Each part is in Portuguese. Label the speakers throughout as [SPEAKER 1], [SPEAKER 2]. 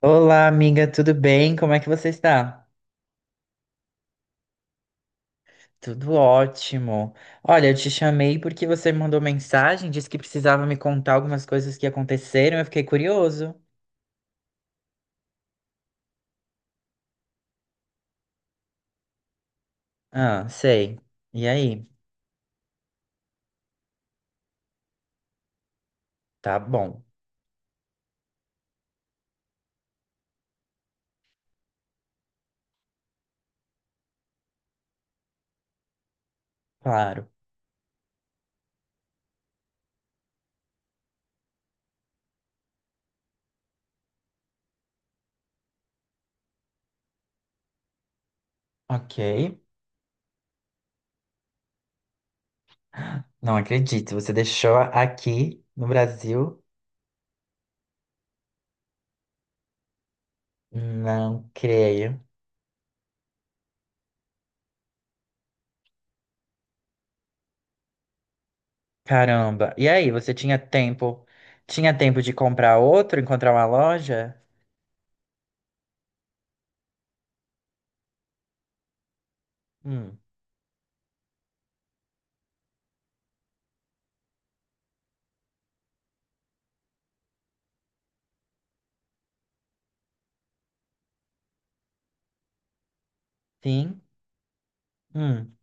[SPEAKER 1] Olá, amiga, tudo bem? Como é que você está? Tudo ótimo. Olha, eu te chamei porque você me mandou mensagem, disse que precisava me contar algumas coisas que aconteceram, eu fiquei curioso. Ah, sei. E aí? Tá bom, claro. Ok. Não acredito, você deixou aqui no Brasil? Não creio. Caramba. E aí, você tinha tempo? Tinha tempo de comprar outro, encontrar uma loja? Hum, sim. Hum,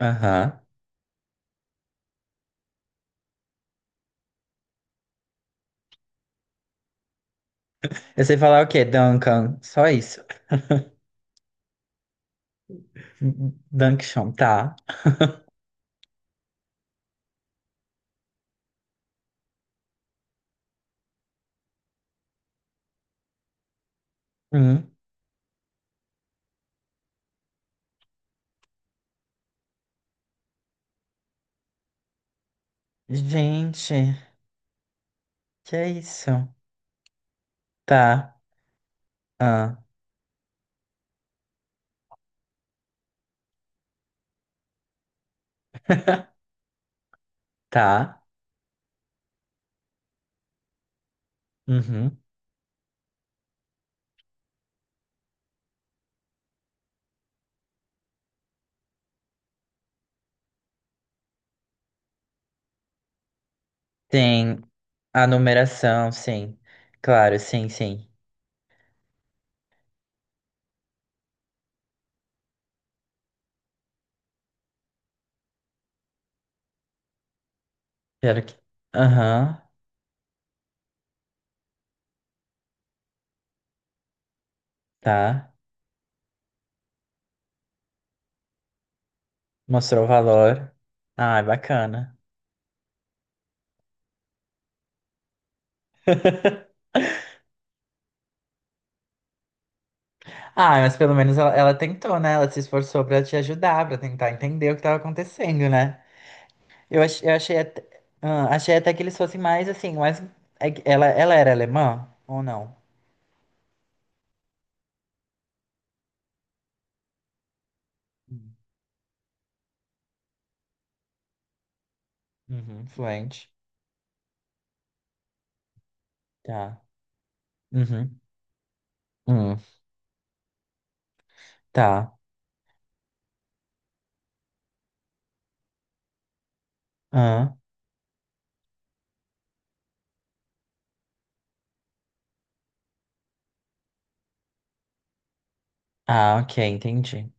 [SPEAKER 1] aham. Eu sei falar o quê? Duncan. Só isso. Dunction, tá. Hum. Gente, que é isso? Tá. Ah. Tá. Uhum. Tem a numeração, sim. Claro, sim, sim. Quero que. Aham, tá. Mostrou o valor. Ah, bacana. Ah, mas pelo menos ela, ela tentou, né? Ela se esforçou pra te ajudar, pra tentar entender o que tava acontecendo, né? Eu achei até, ah, achei até que eles fossem mais assim, mas é ela, ela era alemã ou não? Hum. Uhum, fluente. Tá. Uhum. Hum, tá. Ah, ah, ok, entendi.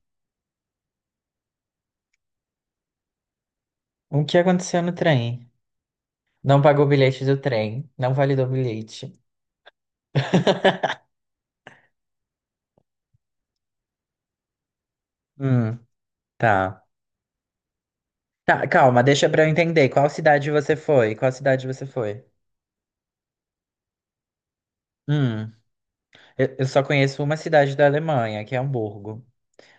[SPEAKER 1] O que aconteceu no trem? Não pagou o bilhete do trem, não validou o bilhete. Hum, tá. Tá, calma, deixa pra eu entender. Qual cidade você foi? Qual cidade você foi? Hum, eu só conheço uma cidade da Alemanha, que é Hamburgo.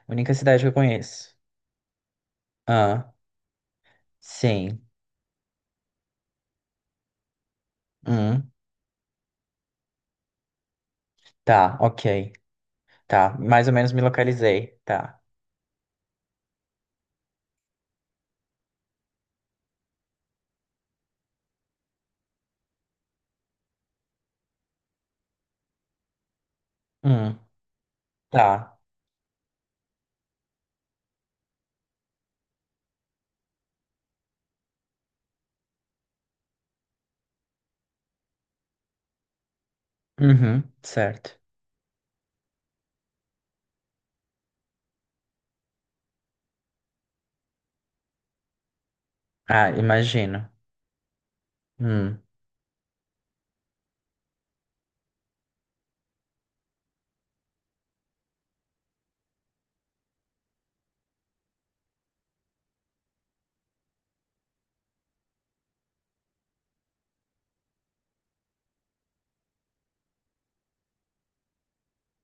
[SPEAKER 1] Única cidade que eu conheço. Sim. Hum, tá, ok. Tá, mais ou menos me localizei. Tá. Hum, tá. Uhum, certo. Ah, imagino. Hum.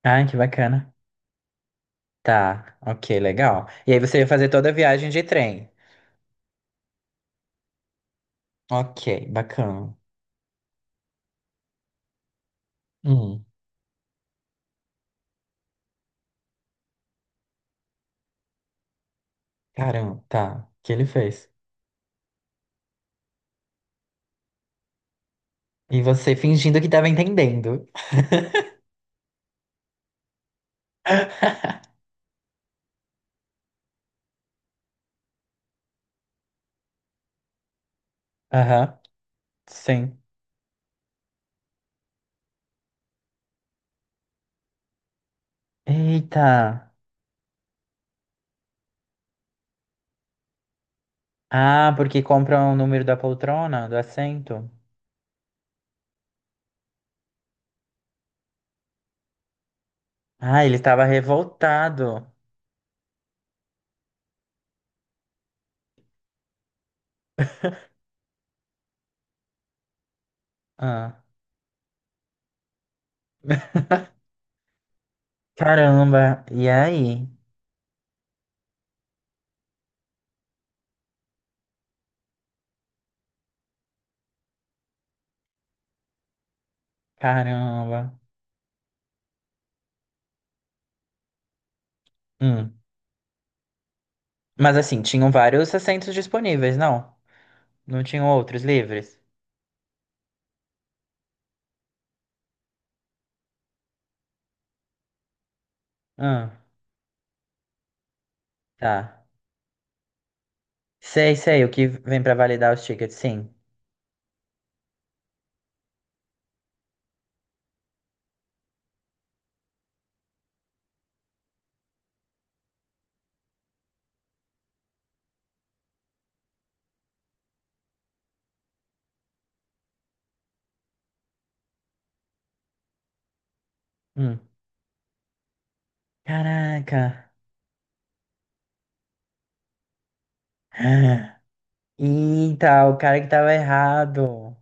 [SPEAKER 1] Ai, que bacana. Tá, ok, legal. E aí você ia fazer toda a viagem de trem. Ok, bacana. Hum, caramba, tá. O que ele fez? E você fingindo que tava entendendo. Aham, sim. Eita. Ah, porque compram o número da poltrona, do assento. Ah, ele estava revoltado. Ah. Caramba, e aí? Caramba. Hum. Mas assim, tinham vários assentos disponíveis, não? Não tinham outros livres? Hum. Tá. Sei, sei, o que vem pra validar os tickets, sim. Hum. Caraca. Ah. Eita, o cara que tava errado.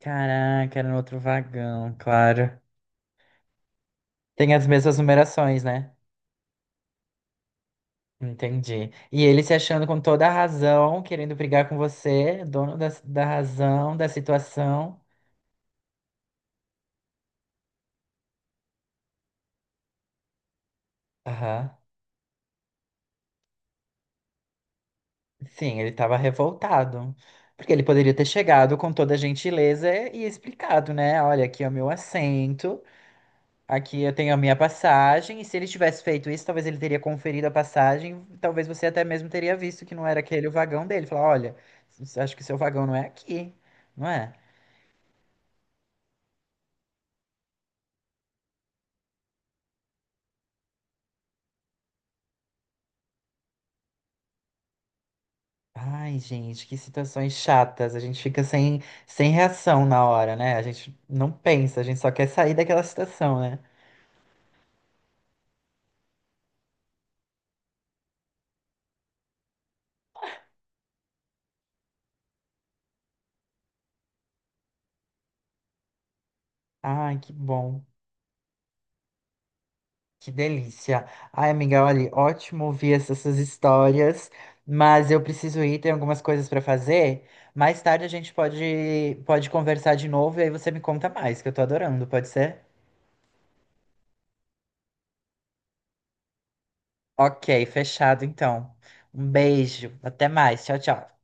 [SPEAKER 1] Caraca, era no outro vagão, claro. Tem as mesmas numerações, né? Entendi. E ele se achando com toda a razão, querendo brigar com você, dono da razão, da situação. Aham. Sim, ele estava revoltado. Porque ele poderia ter chegado com toda a gentileza e explicado, né? Olha, aqui é o meu assento, aqui eu tenho a minha passagem. E se ele tivesse feito isso, talvez ele teria conferido a passagem, talvez você até mesmo teria visto que não era aquele o vagão dele. Falar, olha, acho que seu vagão não é aqui, não é? Ai, gente, que situações chatas. A gente fica sem, sem reação na hora, né? A gente não pensa, a gente só quer sair daquela situação, né? Ai, que bom. Que delícia. Ai, amiga, olha, ótimo ouvir essas suas histórias, mas eu preciso ir, tem algumas coisas para fazer. Mais tarde a gente pode, pode conversar de novo e aí você me conta mais, que eu tô adorando, pode ser? Ok, fechado então. Um beijo, até mais. Tchau, tchau.